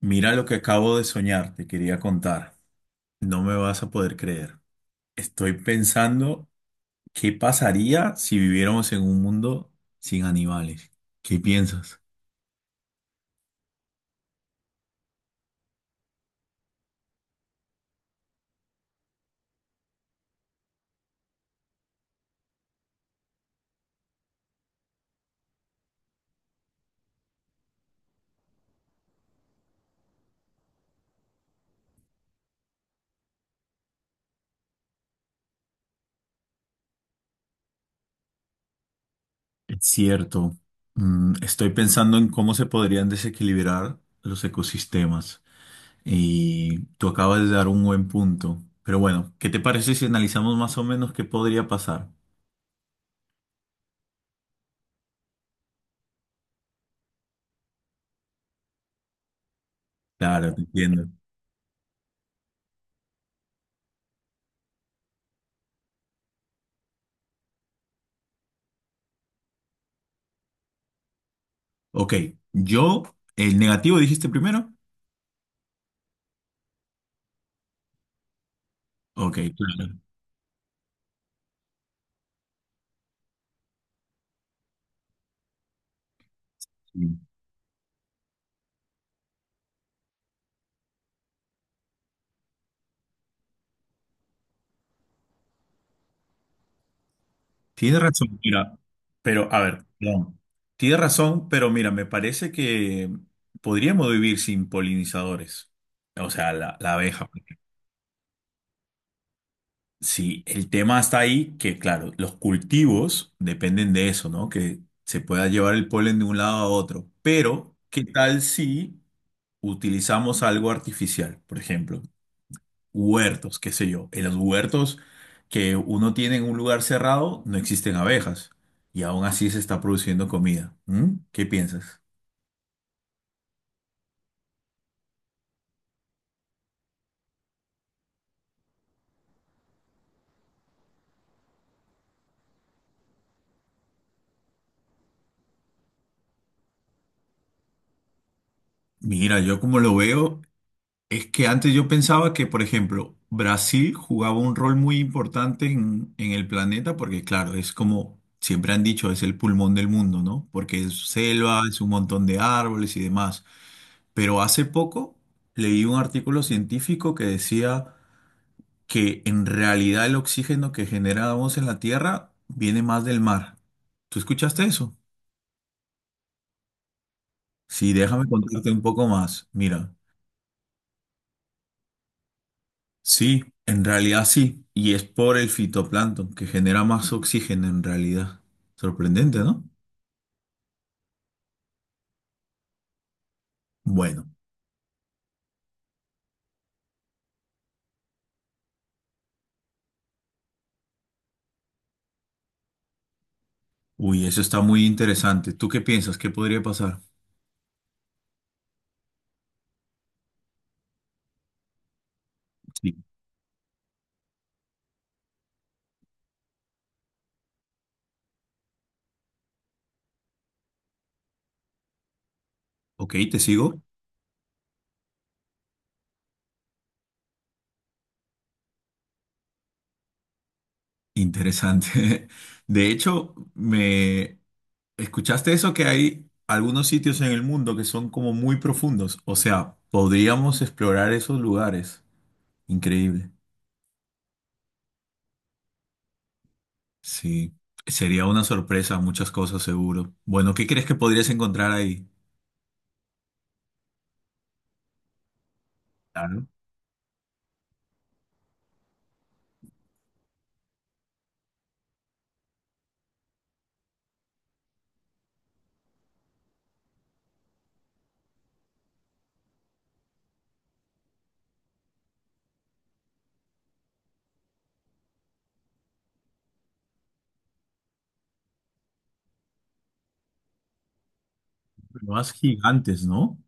Mira lo que acabo de soñar, te quería contar. No me vas a poder creer. Estoy pensando qué pasaría si viviéramos en un mundo sin animales. ¿Qué piensas? Es cierto. Mm, estoy pensando en cómo se podrían desequilibrar los ecosistemas. Y tú acabas de dar un buen punto. Pero bueno, ¿qué te parece si analizamos más o menos qué podría pasar? Claro, te entiendo. Ok, yo, el negativo dijiste primero. Ok, claro. Sí. Tiene razón, mira, pero a ver, no. Tienes razón, pero mira, me parece que podríamos vivir sin polinizadores, o sea, la abeja. Sí, el tema está ahí que, claro, los cultivos dependen de eso, ¿no? Que se pueda llevar el polen de un lado a otro, pero ¿qué tal si utilizamos algo artificial, por ejemplo? Huertos, qué sé yo. En los huertos que uno tiene en un lugar cerrado no existen abejas y aún así se está produciendo comida. ¿Mm? ¿Qué piensas? Mira, yo como lo veo, es que antes yo pensaba que, por ejemplo, Brasil jugaba un rol muy importante en el planeta porque, claro, es como siempre han dicho, es el pulmón del mundo, ¿no? Porque es selva, es un montón de árboles y demás. Pero hace poco leí un artículo científico que decía que en realidad el oxígeno que generamos en la Tierra viene más del mar. ¿Tú escuchaste eso? Sí, déjame contarte un poco más. Mira, sí, en realidad sí, y es por el fitoplancton que genera más oxígeno en realidad. Sorprendente, ¿no? Bueno, uy, eso está muy interesante. ¿Tú qué piensas? ¿Qué podría pasar? Sí. Ok, te sigo. Interesante. De hecho, me ¿escuchaste eso que hay algunos sitios en el mundo que son como muy profundos? O sea, podríamos explorar esos lugares. Increíble. Sí, sería una sorpresa, muchas cosas seguro. Bueno, ¿qué crees que podrías encontrar ahí? Claro, más gigantes, ¿no?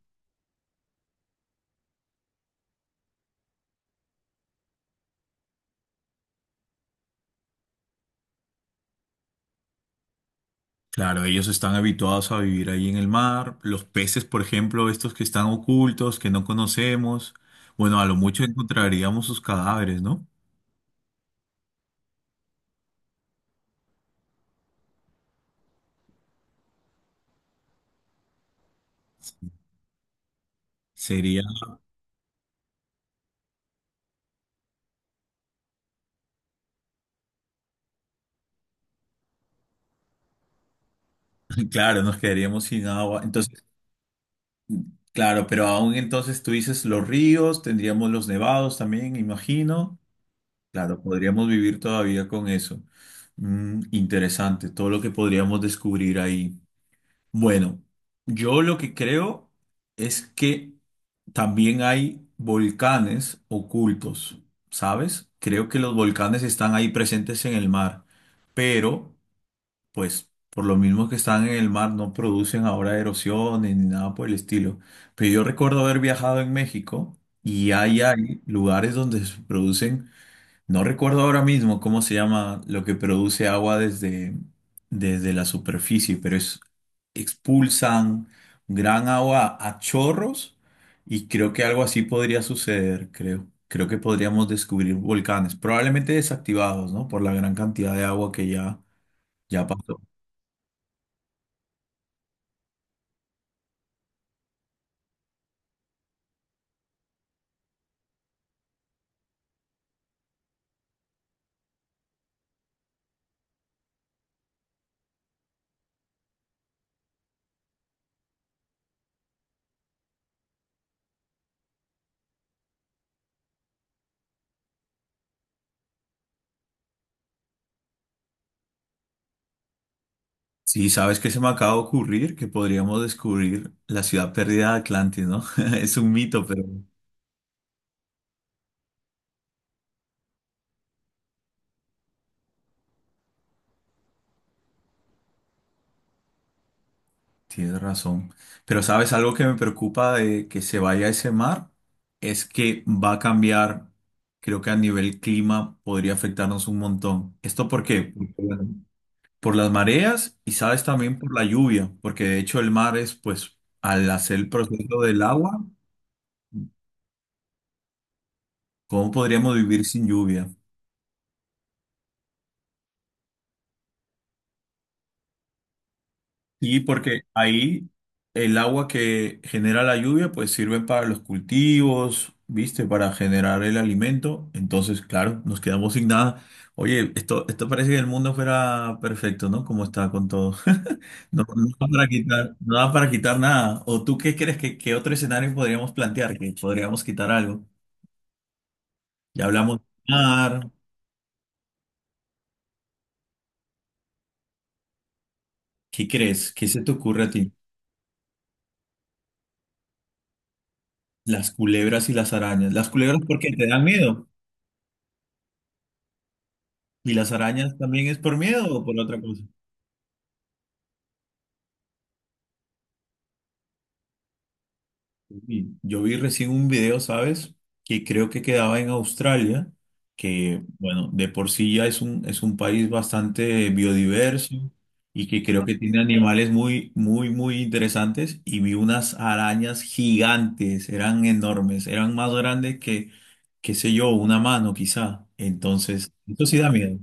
Claro, ellos están habituados a vivir ahí en el mar. Los peces, por ejemplo, estos que están ocultos, que no conocemos. Bueno, a lo mucho encontraríamos sus cadáveres, ¿no? Sería, claro, nos quedaríamos sin agua. Entonces, claro, pero aún entonces tú dices los ríos, tendríamos los nevados también, imagino. Claro, podríamos vivir todavía con eso. Mm, interesante, todo lo que podríamos descubrir ahí. Bueno, yo lo que creo es que también hay volcanes ocultos, ¿sabes? Creo que los volcanes están ahí presentes en el mar, pero pues por lo mismo que están en el mar, no producen ahora erosiones ni nada por el estilo. Pero yo recuerdo haber viajado en México y ahí hay lugares donde se producen, no recuerdo ahora mismo cómo se llama lo que produce agua desde, desde la superficie, pero es, expulsan gran agua a chorros y creo que algo así podría suceder, creo. Creo que podríamos descubrir volcanes, probablemente desactivados, ¿no? Por la gran cantidad de agua que ya, ya pasó. Sí, ¿sabes qué se me acaba de ocurrir? Que podríamos descubrir la ciudad perdida de Atlantis, ¿no? Es un mito, pero tienes razón. Pero ¿sabes algo que me preocupa de que se vaya ese mar? Es que va a cambiar, creo que a nivel clima podría afectarnos un montón. ¿Esto por qué? Porque, bueno, por las mareas y sabes también por la lluvia, porque de hecho el mar es, pues, al hacer el proceso del agua, ¿cómo podríamos vivir sin lluvia? Sí, porque ahí el agua que genera la lluvia pues sirve para los cultivos, ¿viste? Para generar el alimento. Entonces, claro, nos quedamos sin nada. Oye, esto parece que el mundo fuera perfecto, ¿no? Como está con todo. No, no da para quitar, no da para quitar nada. ¿O tú qué crees que qué otro escenario podríamos plantear? Que podríamos quitar algo. Ya hablamos de mar. ¿Qué crees? ¿Qué se te ocurre a ti? Las culebras y las arañas. Las culebras porque te dan miedo. ¿Y las arañas también es por miedo o por otra cosa? Sí. Yo vi recién un video, ¿sabes? Que creo que quedaba en Australia, que, bueno, de por sí ya es un país bastante biodiverso y que creo que tiene animales muy, muy, muy interesantes. Y vi unas arañas gigantes, eran enormes, eran más grandes que, qué sé yo, una mano quizá. Entonces, esto sí da miedo.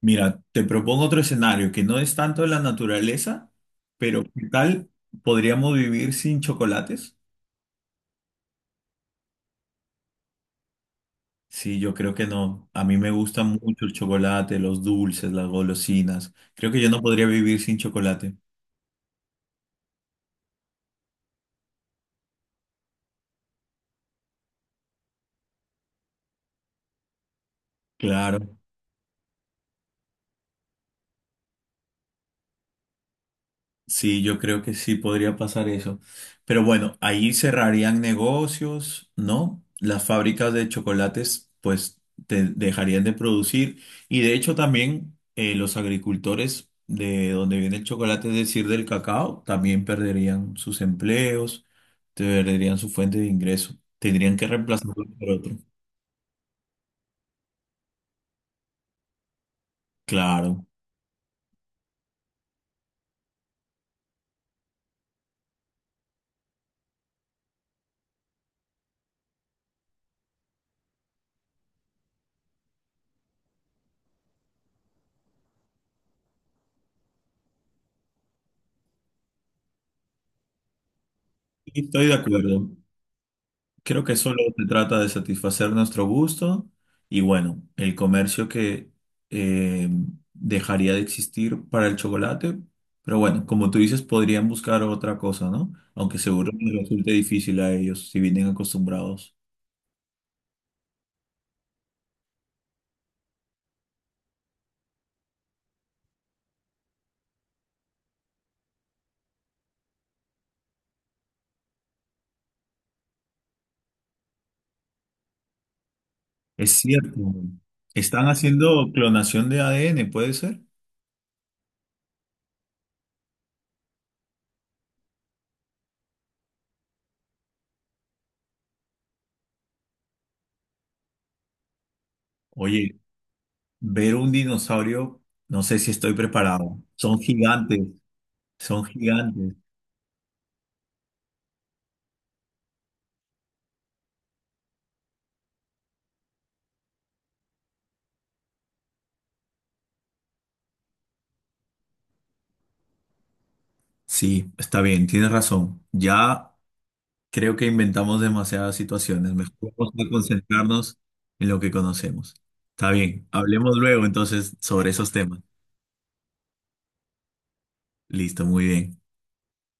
Mira, te propongo otro escenario que no es tanto de la naturaleza, pero ¿qué tal podríamos vivir sin chocolates? Sí, yo creo que no. A mí me gusta mucho el chocolate, los dulces, las golosinas. Creo que yo no podría vivir sin chocolate. Claro. Sí, yo creo que sí podría pasar eso. Pero bueno, ahí cerrarían negocios, ¿no? Las fábricas de chocolates pues te dejarían de producir y de hecho también los agricultores de donde viene el chocolate, es decir, del cacao, también perderían sus empleos, perderían su fuente de ingreso, tendrían que reemplazarlo por otro. Claro, estoy de acuerdo. Creo que solo se trata de satisfacer nuestro gusto y bueno, el comercio que eh, dejaría de existir para el chocolate, pero bueno, como tú dices, podrían buscar otra cosa, ¿no? Aunque seguro les resulte difícil a ellos si vienen acostumbrados. Es cierto, están haciendo clonación de ADN, ¿puede ser? Oye, ver un dinosaurio, no sé si estoy preparado. Son gigantes, son gigantes. Sí, está bien, tienes razón. Ya creo que inventamos demasiadas situaciones. Mejor vamos a concentrarnos en lo que conocemos. Está bien, hablemos luego entonces sobre esos temas. Listo, muy bien.